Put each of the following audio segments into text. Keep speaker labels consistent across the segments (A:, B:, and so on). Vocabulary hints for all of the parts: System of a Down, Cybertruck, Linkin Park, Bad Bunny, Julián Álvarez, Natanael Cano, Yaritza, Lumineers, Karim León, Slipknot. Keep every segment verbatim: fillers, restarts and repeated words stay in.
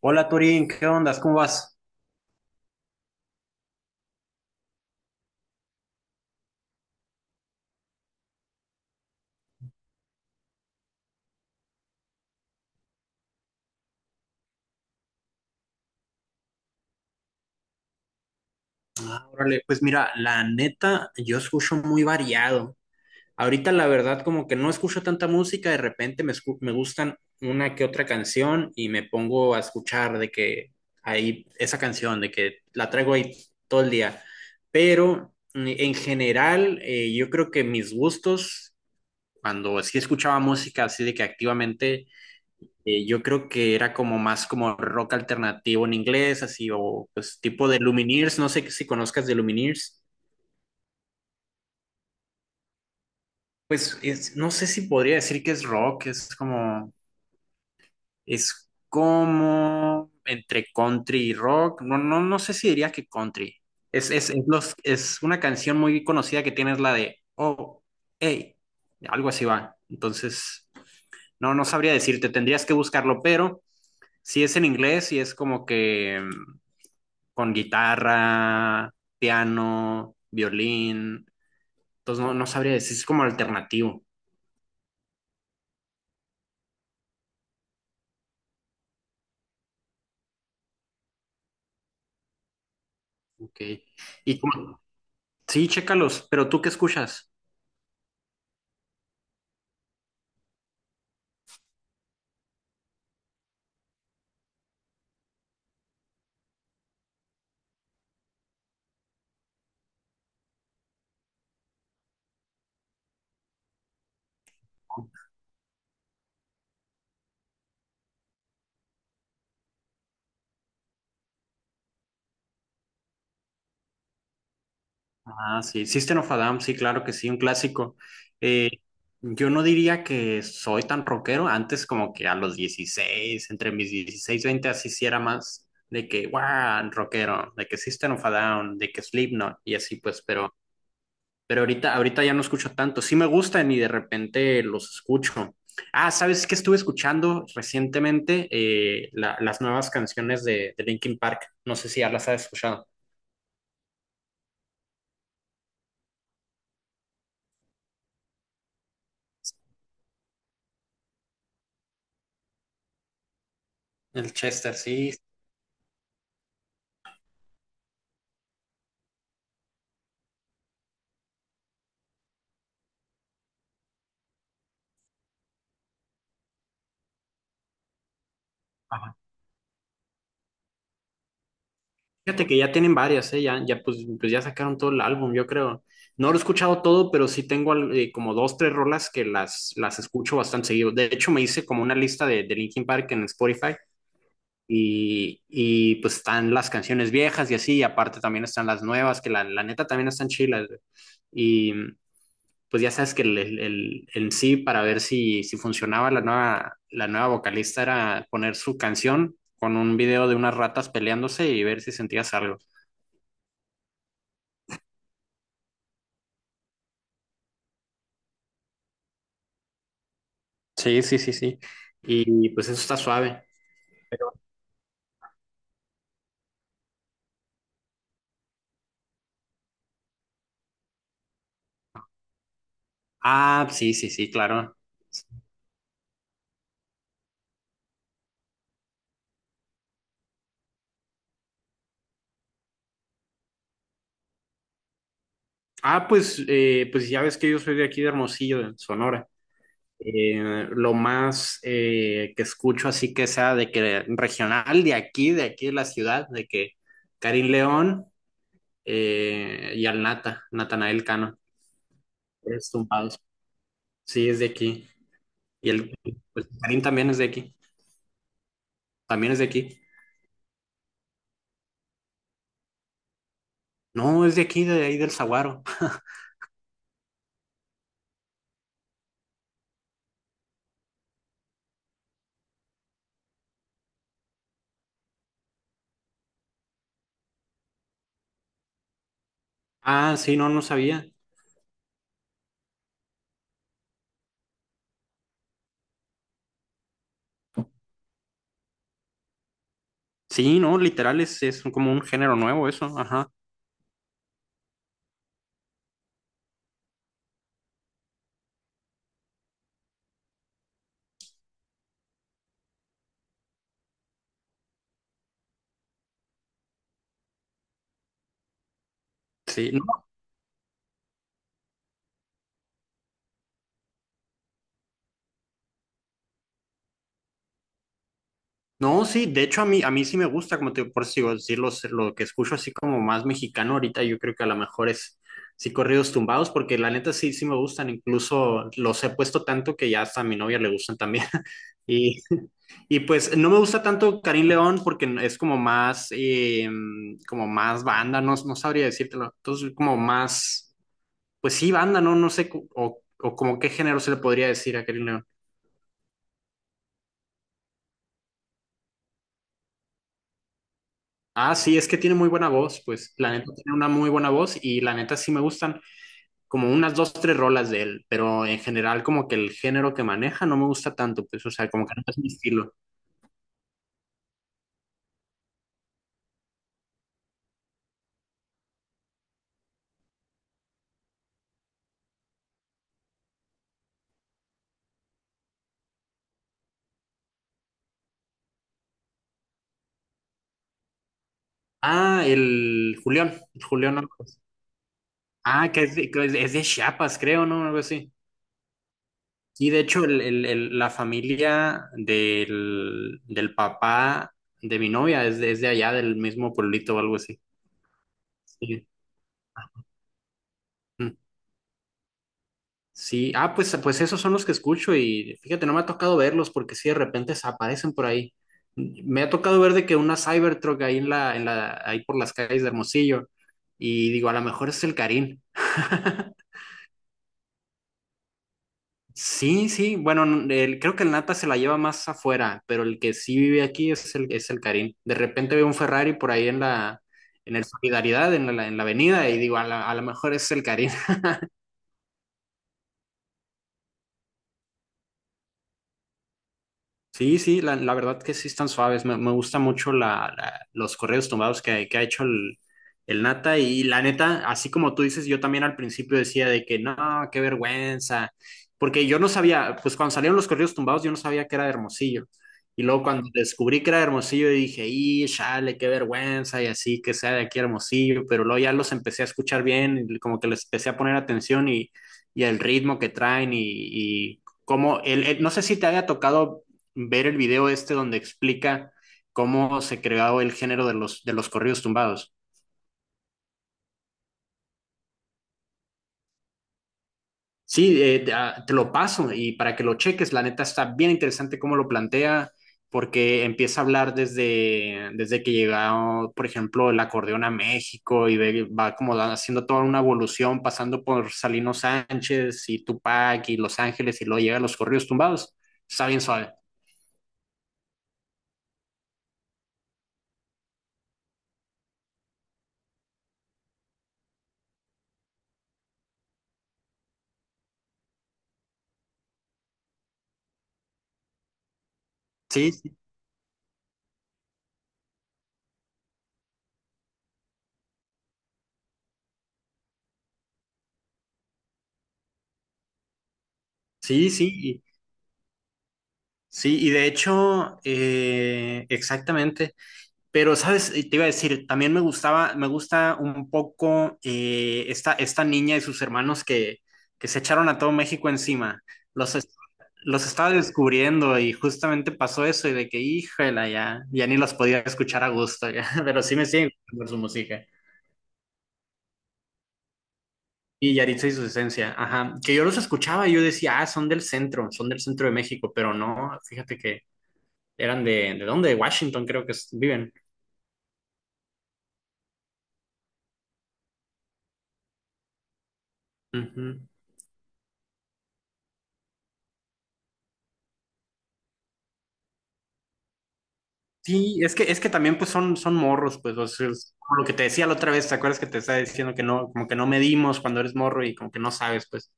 A: Hola Turín, ¿qué ondas? ¿Cómo vas? Ah, órale, pues mira, la neta, yo escucho muy variado. Ahorita la verdad como que no escucho tanta música, de repente me, escu- me gustan una que otra canción y me pongo a escuchar de que ahí esa canción, de que la traigo ahí todo el día. Pero mm, en general, eh, yo creo que mis gustos, cuando sí escuchaba música así de que activamente. Eh, yo creo que era como más como rock alternativo en inglés, así, o pues tipo de Lumineers, no sé si conozcas de Lumineers. Pues es- no sé si podría decir que es rock, es como, es como entre country y rock. No, no, no sé si diría que country. Es, es, es los, es una canción muy conocida que tienes la de, oh, hey, algo así va. Entonces, no, no sabría decirte, tendrías que buscarlo, pero... Si es en inglés y es como que con guitarra, piano, violín. Entonces no, no sabría decir, es como alternativo. Ok. Y como, sí, chécalos, pero ¿tú qué escuchas? Ah, sí, System of a Down, sí, claro que sí, un clásico. Eh, yo no diría que soy tan rockero, antes como que a los dieciséis, entre mis dieciséis y veinte, así sí era más de que, wow, rockero, de que System of a Down, de que Slipknot y así pues, pero Pero ahorita, ahorita ya no escucho tanto. Sí me gustan y de repente los escucho. Ah, ¿sabes qué estuve escuchando recientemente? Eh, la- las nuevas canciones de, de Linkin Park. No sé si ya las has escuchado. El Chester, sí. Ajá. Fíjate que ya tienen varias, ¿eh? Ya, ya, pues, pues ya sacaron todo el álbum, yo creo. No lo he escuchado todo, pero sí tengo al- eh, como dos, tres rolas que las, las escucho bastante seguido. De hecho, me hice como una lista de, de Linkin Park en Spotify. Y, y pues están las canciones viejas y así, y aparte también están las nuevas, que la, la neta también están chilas, güey. Y pues ya sabes que el, el- el- en sí, para ver si, si funcionaba la nueva, la nueva vocalista, era poner su canción con un video de unas ratas peleándose y ver si sentías algo. Sí, sí, sí, sí. Y pues eso está suave. Ah, sí, sí, sí, claro. Ah, pues, eh, pues ya ves que yo soy de aquí de Hermosillo, de Sonora. Eh, lo más eh, que escucho así que sea de que regional de aquí, de aquí de la ciudad, de que Karim León eh, y al Nata, Natanael Cano, es Tumbados. Sí, es de aquí. Y el pues Karim también es de aquí. También es de aquí. No, es de aquí, de ahí del Saguaro. Ah, sí, no, no sabía. Sí, no, literal, es, es como un género nuevo eso, ajá. Sí, no, sí, de hecho a mí, a mí sí me gusta, como te por eso digo, decir los- lo que escucho así como más mexicano ahorita, yo creo que a lo mejor es sí corridos tumbados, porque la neta sí, sí me gustan, incluso los he puesto tanto que ya hasta a mi novia le gustan también. Y, y pues no me gusta tanto Karim León porque es como más, eh, como más banda, no, no sabría decírtelo, entonces como más, pues sí, banda, no, no sé, cu- o, o como qué género se le podría decir a Karim. Ah, sí, es que tiene muy buena voz, pues la neta tiene una muy buena voz y la neta sí me gustan como unas dos, tres rolas de él, pero en general como que el género que maneja no me gusta tanto, pues o sea, como que no es mi estilo. Ah, el Julián, el Julián Álvarez. Ah, que es de, que es de es de Chiapas, creo, ¿no? Algo así. Sí, de hecho, el, el- el- la familia del, del papá de mi novia es de, es de allá, del mismo pueblito o algo así. Sí. Sí, ah, pues, pues esos son los que escucho y fíjate, no me ha tocado verlos porque sí, de repente se aparecen por ahí. Me ha tocado ver de que una Cybertruck ahí en la, en la, ahí por las calles de Hermosillo y digo, a lo mejor es el Karim. Sí, sí, bueno, n- el- creo que el Nata se la lleva más afuera, pero el que sí vive aquí es el, es el Karim. De repente veo un Ferrari por ahí en la, en el Solidaridad, en la, en la avenida y digo, a la- a lo mejor es el Karim. Sí, sí, la, la verdad que sí están suaves. Me, me gusta mucho la, la- los correos tumbados que, que ha hecho el, el Nata. Y la neta, así como tú dices, yo también al principio decía de que no, qué vergüenza. Porque yo no sabía, pues cuando salieron los correos tumbados, yo no sabía que era de Hermosillo. Y luego cuando descubrí que era de Hermosillo, dije, y chale, qué vergüenza, y así que sea de aquí a Hermosillo. Pero luego ya los empecé a escuchar bien, y como que les empecé a poner atención y, y el ritmo que traen y y como el, el- no sé si te haya tocado ver el video este donde explica cómo se creó el género de los, de los corridos tumbados. Sí, eh, te, ah, lo paso y para que lo cheques, la neta está bien interesante cómo lo plantea, porque empieza a hablar desde, desde que llegó, por ejemplo, el acordeón a México y ve- va como haciendo toda una evolución, pasando por Salino Sánchez y Tupac y Los Ángeles y luego llega a los corridos tumbados. Está bien suave. Sí, sí, sí, sí, y- sí, y de hecho, eh, exactamente. Pero, ¿sabes? Te iba a decir, también me gustaba, me gusta un poco eh, esta, esta niña y sus hermanos que, que se echaron a todo México encima. Los, es- los estaba descubriendo y justamente pasó eso y de que, híjala, ya, ya ni los podía escuchar a gusto, ya. Pero sí me siguen por su música. Y Yaritza y su esencia, ajá. Que yo los escuchaba y yo decía, ah, son del centro, son del centro de México, pero no, fíjate que eran de, ¿de dónde? De Washington creo que es- viven. Sí, es que, es que también pues son, son morros, pues, o sea, es como lo que te decía la otra vez, ¿te acuerdas que te estaba diciendo que no, como que no medimos cuando eres morro y como que no sabes, pues.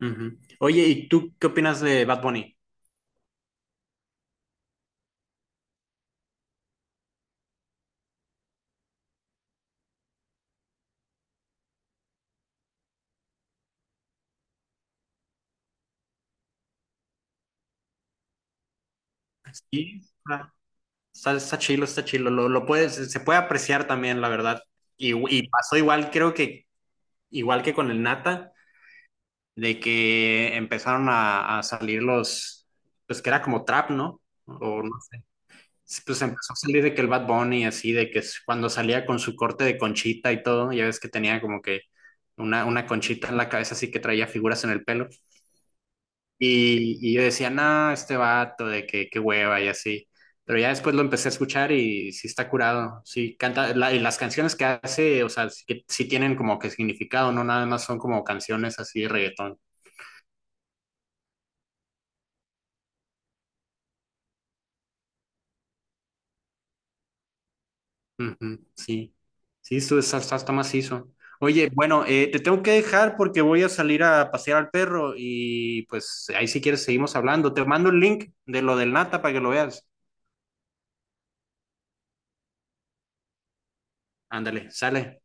A: Ujú. Oye, ¿y tú qué opinas de Bad Bunny? Sí, está, está- está chilo, está chilo, lo, lo puedes, se puede apreciar también, la verdad. Y, y pasó igual, creo que, igual que con el Nata, de que empezaron a, a salir los, pues que era como trap, ¿no? O sí, pues empezó a salir de que el Bad Bunny, así, de que s- cuando salía con su corte de conchita y todo, ya ves que tenía como que una, una conchita en la cabeza, así que traía figuras en el pelo. Y, y yo decía, no, este vato, de que qué hueva y así. Pero ya después lo empecé a escuchar y sí está curado, sí canta, la- y las canciones que hace, o sea, sí, que, sí tienen como que significado, no nada más son como canciones así de reggaetón. Ujú, sí, sí, esto es- está, está macizo. Oye, bueno, eh, te tengo que dejar porque voy a salir a pasear al perro y pues ahí si quieres seguimos hablando. Te mando el link de lo del Nata para que lo veas. Ándale, sale.